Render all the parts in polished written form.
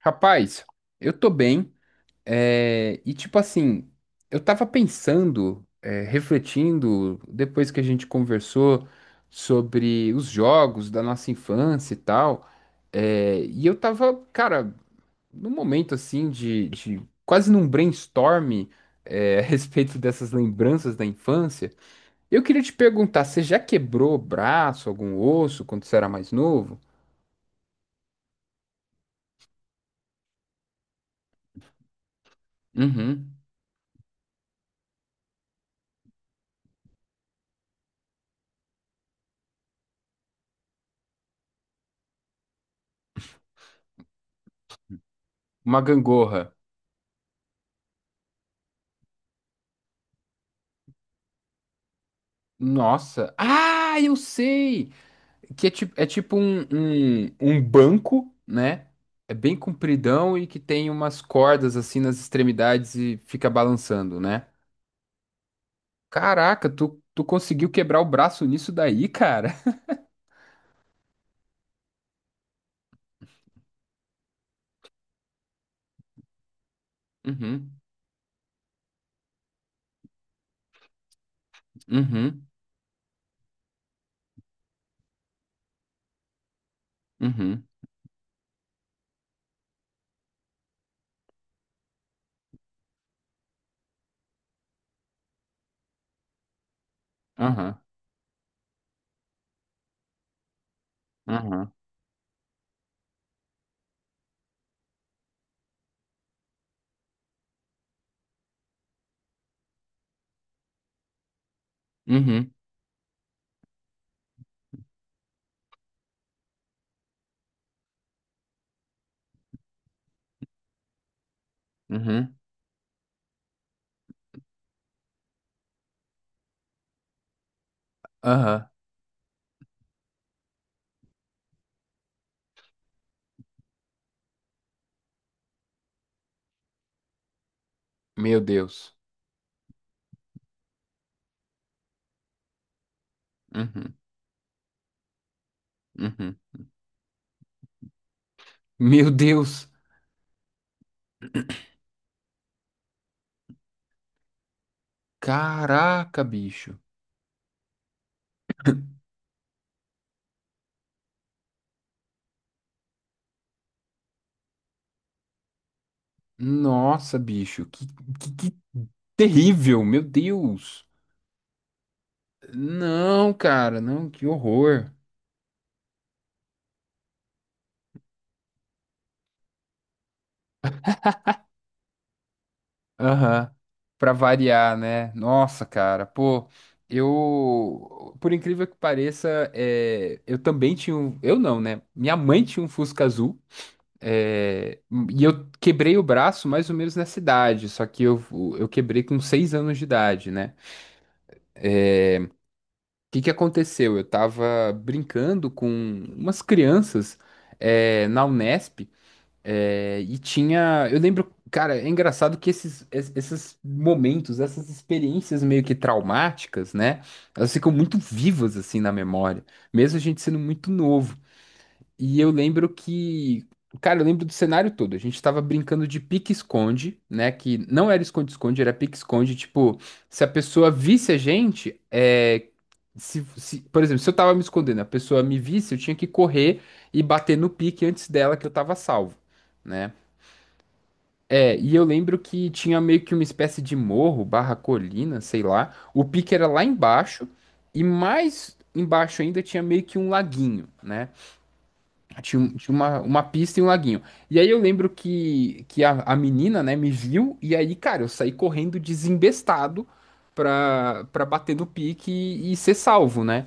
Rapaz, eu tô bem, e tipo assim, eu tava pensando, refletindo, depois que a gente conversou sobre os jogos da nossa infância e tal, e eu tava, cara, num momento assim de quase num brainstorm, a respeito dessas lembranças da infância. Eu queria te perguntar, você já quebrou o braço, algum osso, quando você era mais novo? Uhum. Uma gangorra. Nossa. Ah, eu sei! Que é tipo um banco, né? É bem compridão e que tem umas cordas assim nas extremidades e fica balançando, né? Caraca, tu conseguiu quebrar o braço nisso daí, cara? Uhum, uhum, uhum, aham, aham, uhum, uhum, aham. Meu Deus. Uhum, uhum. Meu Deus! Caraca, bicho. Nossa, bicho, que terrível, meu Deus. Não, cara, não, que horror. Aham. Pra variar, né? Nossa, cara, pô, eu, por incrível que pareça, eu também tinha um, eu não, né? Minha mãe tinha um Fusca azul, é, e eu quebrei o braço mais ou menos nessa idade, só que eu quebrei com 6 anos de idade, né? Que aconteceu? Eu tava brincando com umas crianças na Unesp e tinha. Eu lembro, cara, é engraçado que esses momentos, essas experiências meio que traumáticas, né? Elas ficam muito vivas assim na memória, mesmo a gente sendo muito novo. E eu lembro que, cara, eu lembro do cenário todo. A gente tava brincando de pique-esconde, né? Que não era esconde-esconde, era pique-esconde. Tipo, se a pessoa visse a gente, é. Por exemplo, se eu tava me escondendo, a pessoa me visse, eu tinha que correr e bater no pique antes dela que eu tava salvo, né? E eu lembro que tinha meio que uma espécie de morro, barra colina, sei lá. O pique era lá embaixo, e mais embaixo ainda tinha meio que um laguinho, né? Tinha uma pista e um laguinho. E aí eu lembro que a menina, né, me viu, e aí, cara, eu saí correndo desembestado pra bater no pique e ser salvo, né?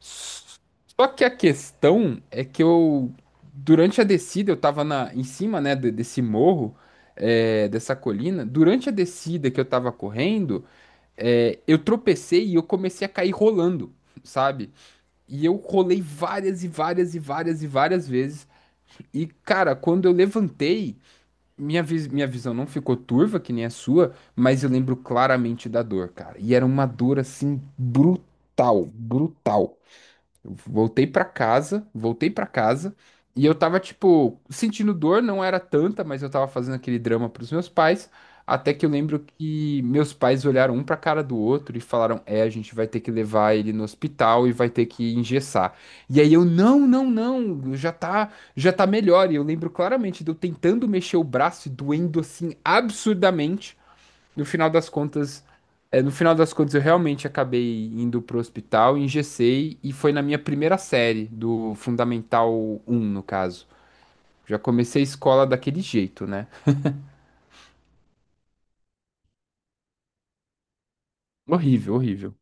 S- Só que a questão é que eu, durante a descida, eu tava em cima, né, desse morro, dessa colina. Durante a descida que eu tava correndo, eu tropecei e eu comecei a cair rolando, sabe? E eu rolei várias e várias e várias e várias vezes. E, cara, quando eu levantei, minha visão não ficou turva, que nem a sua, mas eu lembro claramente da dor, cara. E era uma dor assim brutal, brutal. Voltei pra casa e eu tava tipo sentindo dor, não era tanta, mas eu tava fazendo aquele drama pros meus pais, até que eu lembro que meus pais olharam um pra cara do outro e falaram: "É, a gente vai ter que levar ele no hospital e vai ter que engessar". E aí eu: "Não, não, não, já tá melhor". E eu lembro claramente de eu tentando mexer o braço e doendo assim absurdamente no final das contas, no final das contas eu realmente acabei indo pro hospital, engessei e foi na minha primeira série do Fundamental um no caso. Já comecei a escola daquele jeito, né? Horrível, horrível.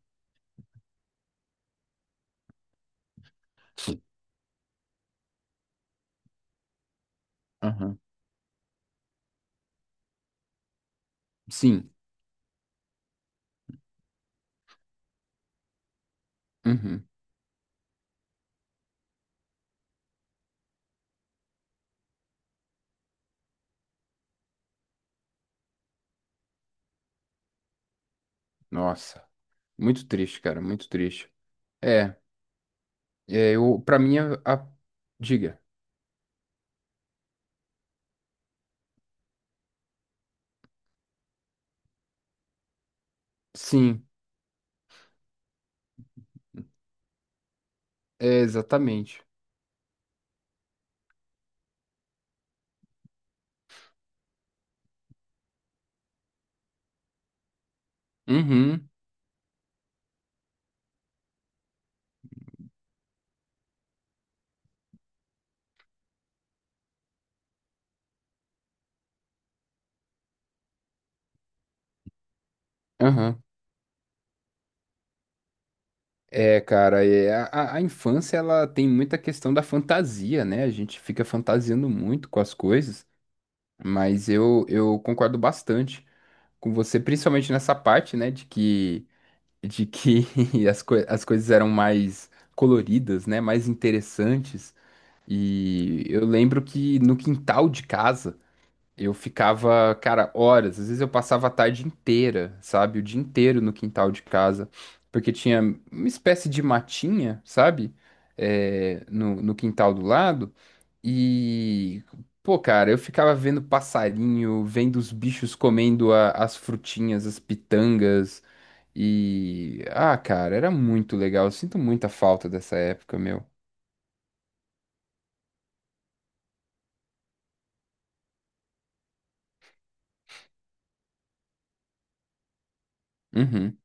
Aham. Sim. Uhum. Nossa. Muito triste, cara. Muito triste. É. É, eu, para mim. Diga. Sim. É, exatamente. Uhum. Aham. É, cara, a infância ela tem muita questão da fantasia, né? A gente fica fantasiando muito com as coisas, mas eu concordo bastante com você, principalmente nessa parte, né, de que as coisas eram mais coloridas, né, mais interessantes. E eu lembro que no quintal de casa, eu ficava, cara, horas. Às vezes eu passava a tarde inteira, sabe? O dia inteiro no quintal de casa. Porque tinha uma espécie de matinha, sabe? No quintal do lado. E, pô, cara, eu ficava vendo passarinho, vendo os bichos comendo as frutinhas, as pitangas. E, ah, cara, era muito legal. Eu sinto muita falta dessa época, meu. Uhum,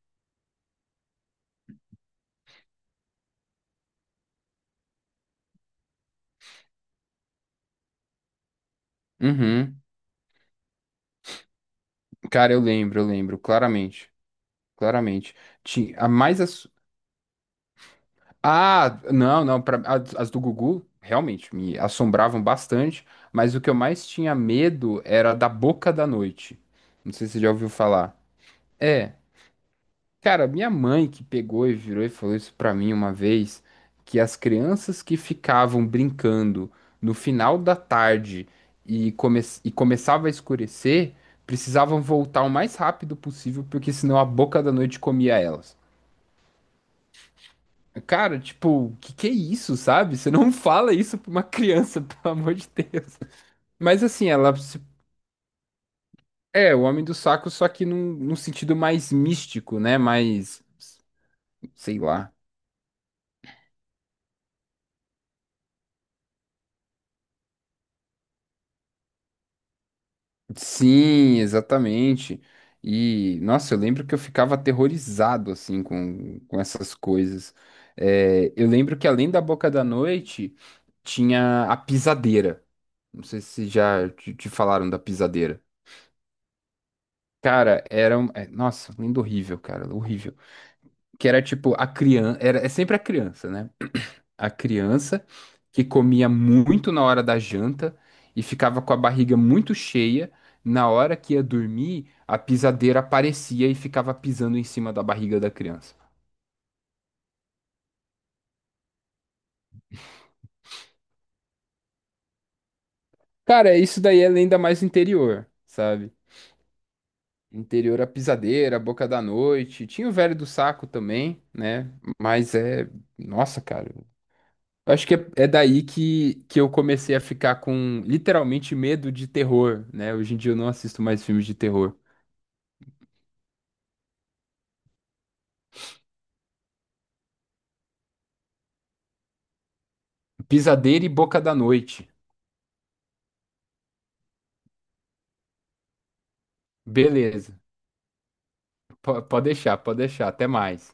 uhum. Cara, eu lembro, claramente. Claramente. Tinha A mais Ah, não, não, as do Gugu realmente me assombravam bastante, mas o que eu mais tinha medo era da Boca da Noite. Não sei se você já ouviu falar. É, cara, minha mãe que pegou e virou e falou isso pra mim uma vez, que as crianças que ficavam brincando no final da tarde e começava a escurecer, precisavam voltar o mais rápido possível, porque senão a Boca da Noite comia elas. Cara, tipo, que é isso, sabe? Você não fala isso pra uma criança, pelo amor de Deus. Mas assim, ela se- é o Homem do Saco, só que num sentido mais místico, né? Mais, sei lá. Sim, exatamente. E, nossa, eu lembro que eu ficava aterrorizado, assim, com essas coisas. Eu lembro que além da Boca da Noite, tinha a Pisadeira. Não sei se já te falaram da Pisadeira. Cara, Nossa, lindo horrível, cara, horrível. Que era tipo a criança. É sempre a criança, né? A criança que comia muito na hora da janta e ficava com a barriga muito cheia. Na hora que ia dormir, a pisadeira aparecia e ficava pisando em cima da barriga da criança. Cara, isso daí é ainda mais interior, sabe? Interior a pisadeira, a boca da noite. Tinha o velho do saco também, né? Mas é. Nossa, cara. Eu acho que é daí que eu comecei a ficar com literalmente medo de terror, né? Hoje em dia eu não assisto mais filmes de terror. Pisadeiro e Boca da Noite. Beleza. Pode deixar, pode deixar. Até mais.